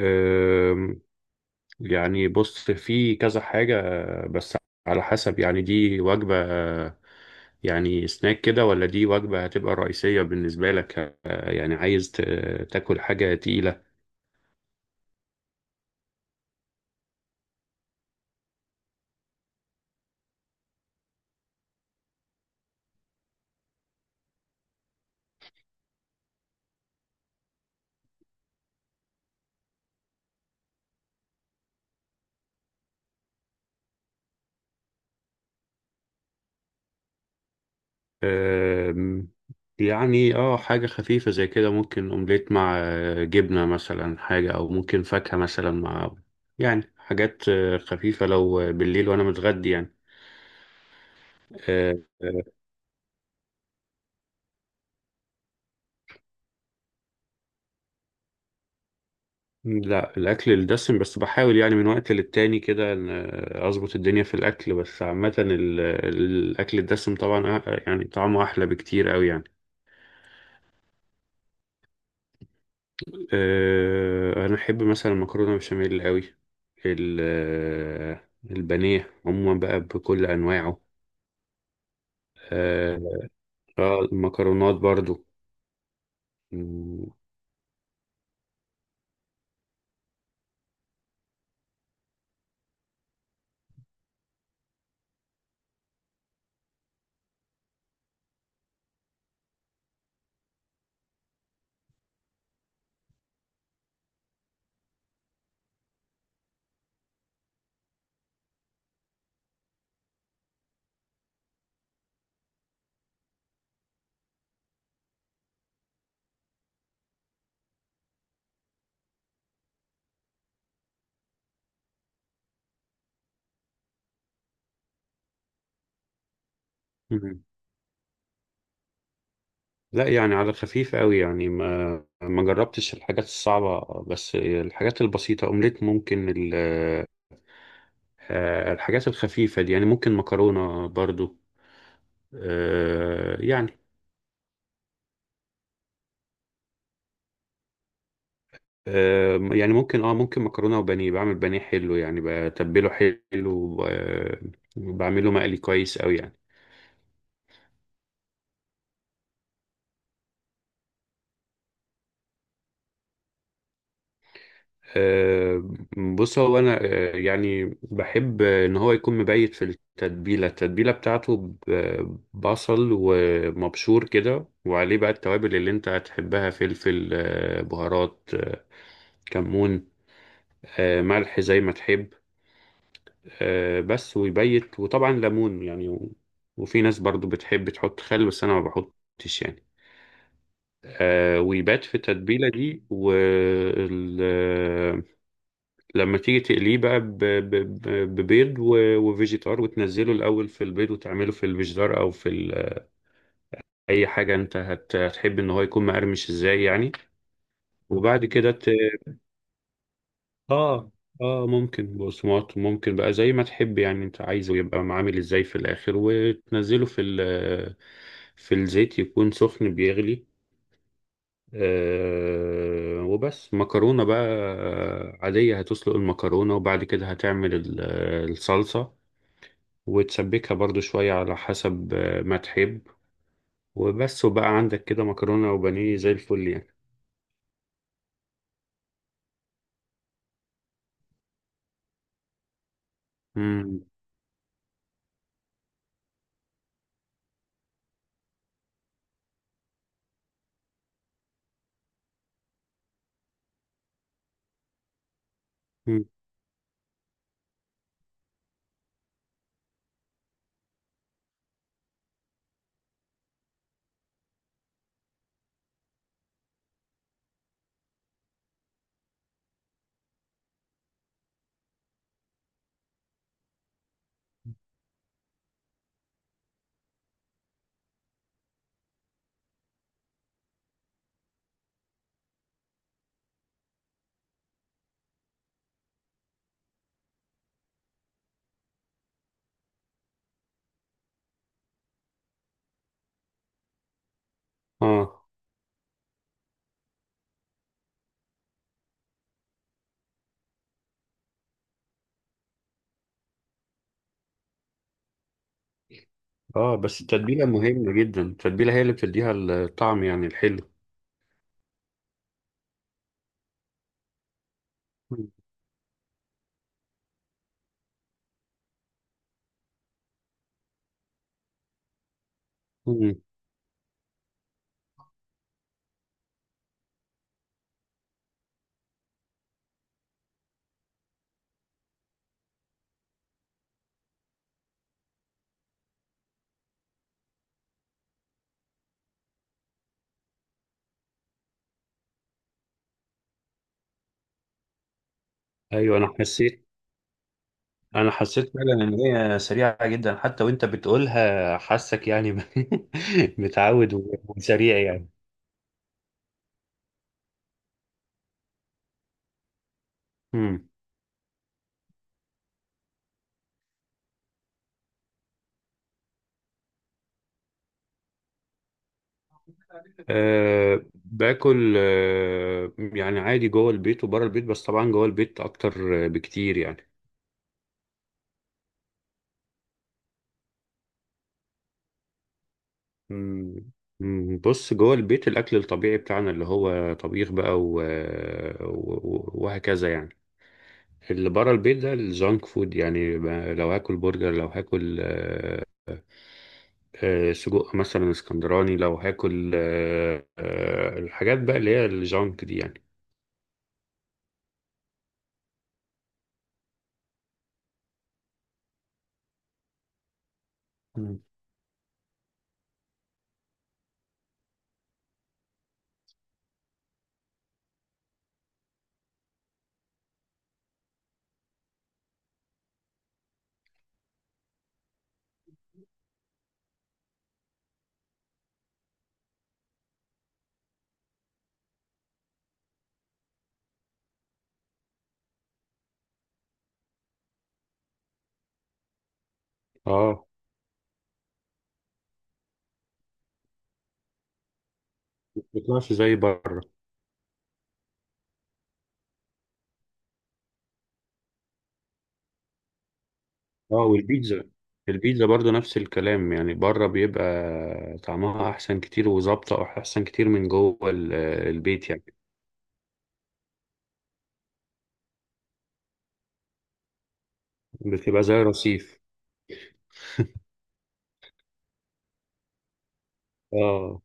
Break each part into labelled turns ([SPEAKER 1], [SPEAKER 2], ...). [SPEAKER 1] أم، يعني بص، في كذا حاجة بس على حسب. يعني دي وجبة، يعني سناك كده، ولا دي وجبة هتبقى رئيسية بالنسبة لك؟ يعني عايز تاكل حاجة تقيلة. أم، يعني حاجة خفيفة زي كده، ممكن اومليت مع جبنة مثلا، حاجة، او ممكن فاكهة مثلا مع، يعني حاجات خفيفة، لو بالليل وانا متغدي يعني. آه، لا، الاكل الدسم، بس بحاول يعني من وقت للتاني كده إن اظبط الدنيا في الاكل. بس عامه الاكل الدسم طبعا، يعني طعمه احلى بكتير قوي يعني. انا احب مثلا المكرونه بشاميل قوي، ال- البانيه عموما بقى بكل انواعه. أه، آه، المكرونات برضو. م- م- لا يعني، على خفيف قوي يعني. ما جربتش الحاجات الصعبه، بس الحاجات البسيطه، اومليت. ممكن ال آه، الحاجات الخفيفة دي يعني، ممكن مكرونة برضو. آه، يعني ممكن ممكن مكرونة وبانيه. بعمل بانيه حلو يعني، بتبله حلو، وبعمله مقلي كويس أوي يعني. آه، بص، هو أنا يعني بحب إن هو يكون مبيت في التتبيلة بتاعته بصل ومبشور كده، وعليه بقى التوابل اللي أنت هتحبها: فلفل، بهارات، كمون، ملح، زي ما تحب. بس ويبيت، وطبعا ليمون يعني وفي ناس برضو بتحب تحط خل، بس انا ما بحطش يعني. ويبات في التتبيله دي. ولما تيجي تقليه بقى ببيض وفيجيتار، وتنزله الاول في البيض، وتعمله في الفيجيتار او في اي حاجه انت هتحب ان هو يكون مقرمش ازاي يعني. وبعد كده اه اه ممكن بصمات، ممكن بقى زي ما تحب يعني، انت عايزه يبقى عامل ازاي في الاخر. وتنزله في في الزيت يكون سخن بيغلي. آه، وبس مكرونة بقى عادية. هتسلق المكرونة، وبعد كده هتعمل الصلصة، وتسبكها برضو شوية على حسب ما تحب. وبس، وبقى عندك كده مكرونة وبانيه زي الفل يعني. مم. مم. اه، اه، بس التتبيلة مهمة جدا، التتبيلة هي اللي بتديها الطعم يعني، الحلو. مم. مم. ايوه، انا حسيت فعلا ان هي سريعة جدا، حتى وانت بتقولها حاسك يعني. متعود وسريع يعني. مم. أه، باكل، أه يعني عادي جوه البيت وبره البيت، بس طبعا جوه البيت اكتر بكتير يعني. مم. مم. بص، جوه البيت الاكل الطبيعي بتاعنا اللي هو طبيخ بقى وهكذا يعني. اللي بره البيت ده الجانك فود يعني. لو هاكل برجر، لو هاكل سجق مثلا اسكندراني، لو هاكل الحاجات بقى اللي هي الجانك دي يعني. مم. اه، ما بتطلعش زي بره. اه، والبيتزا. البيتزا برضو نفس الكلام يعني. بره بيبقى طعمها احسن كتير وظابطه احسن كتير من جوه البيت يعني. بتبقى زي رصيف. اه.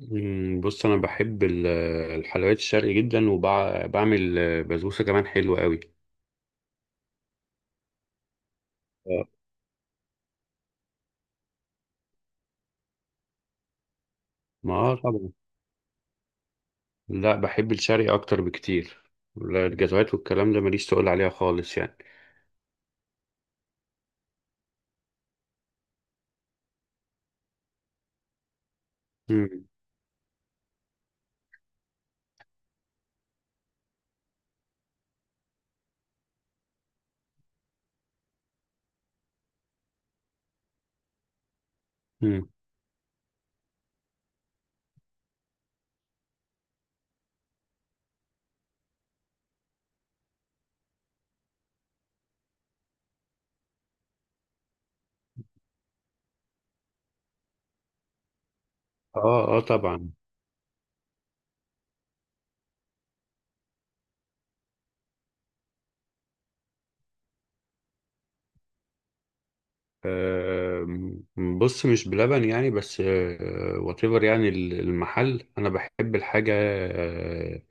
[SPEAKER 1] مم، بص انا بحب الحلويات الشرقي جدا، وبعمل بسبوسه كمان حلوه قوي. اه، ما طبعا. لا، بحب الشرقي اكتر بكتير. لا، الجزوات والكلام ده ماليش تقول عليها خالص يعني. مم. مم. اه، اه، طبعا. آم، بص مش بلبن يعني، بس واتيفر يعني. المحل، انا بحب الحاجه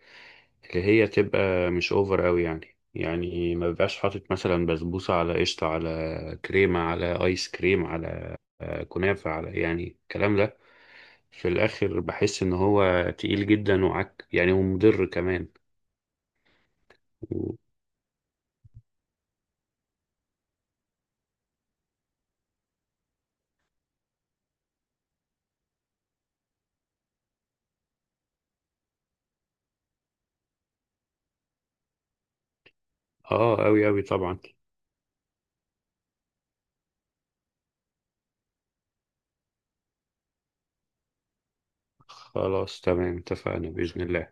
[SPEAKER 1] اللي هي تبقى مش اوفر قوي يعني ما بيبقاش حاطط مثلا بسبوسه على قشطه على كريمه على ايس كريم على كنافه على، يعني الكلام ده في الاخر بحس ان هو تقيل جدا وعك يعني، ومضر كمان. و- اه، قوي قوي طبعا. خلاص تمام، اتفقنا باذن الله.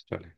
[SPEAKER 1] سلام.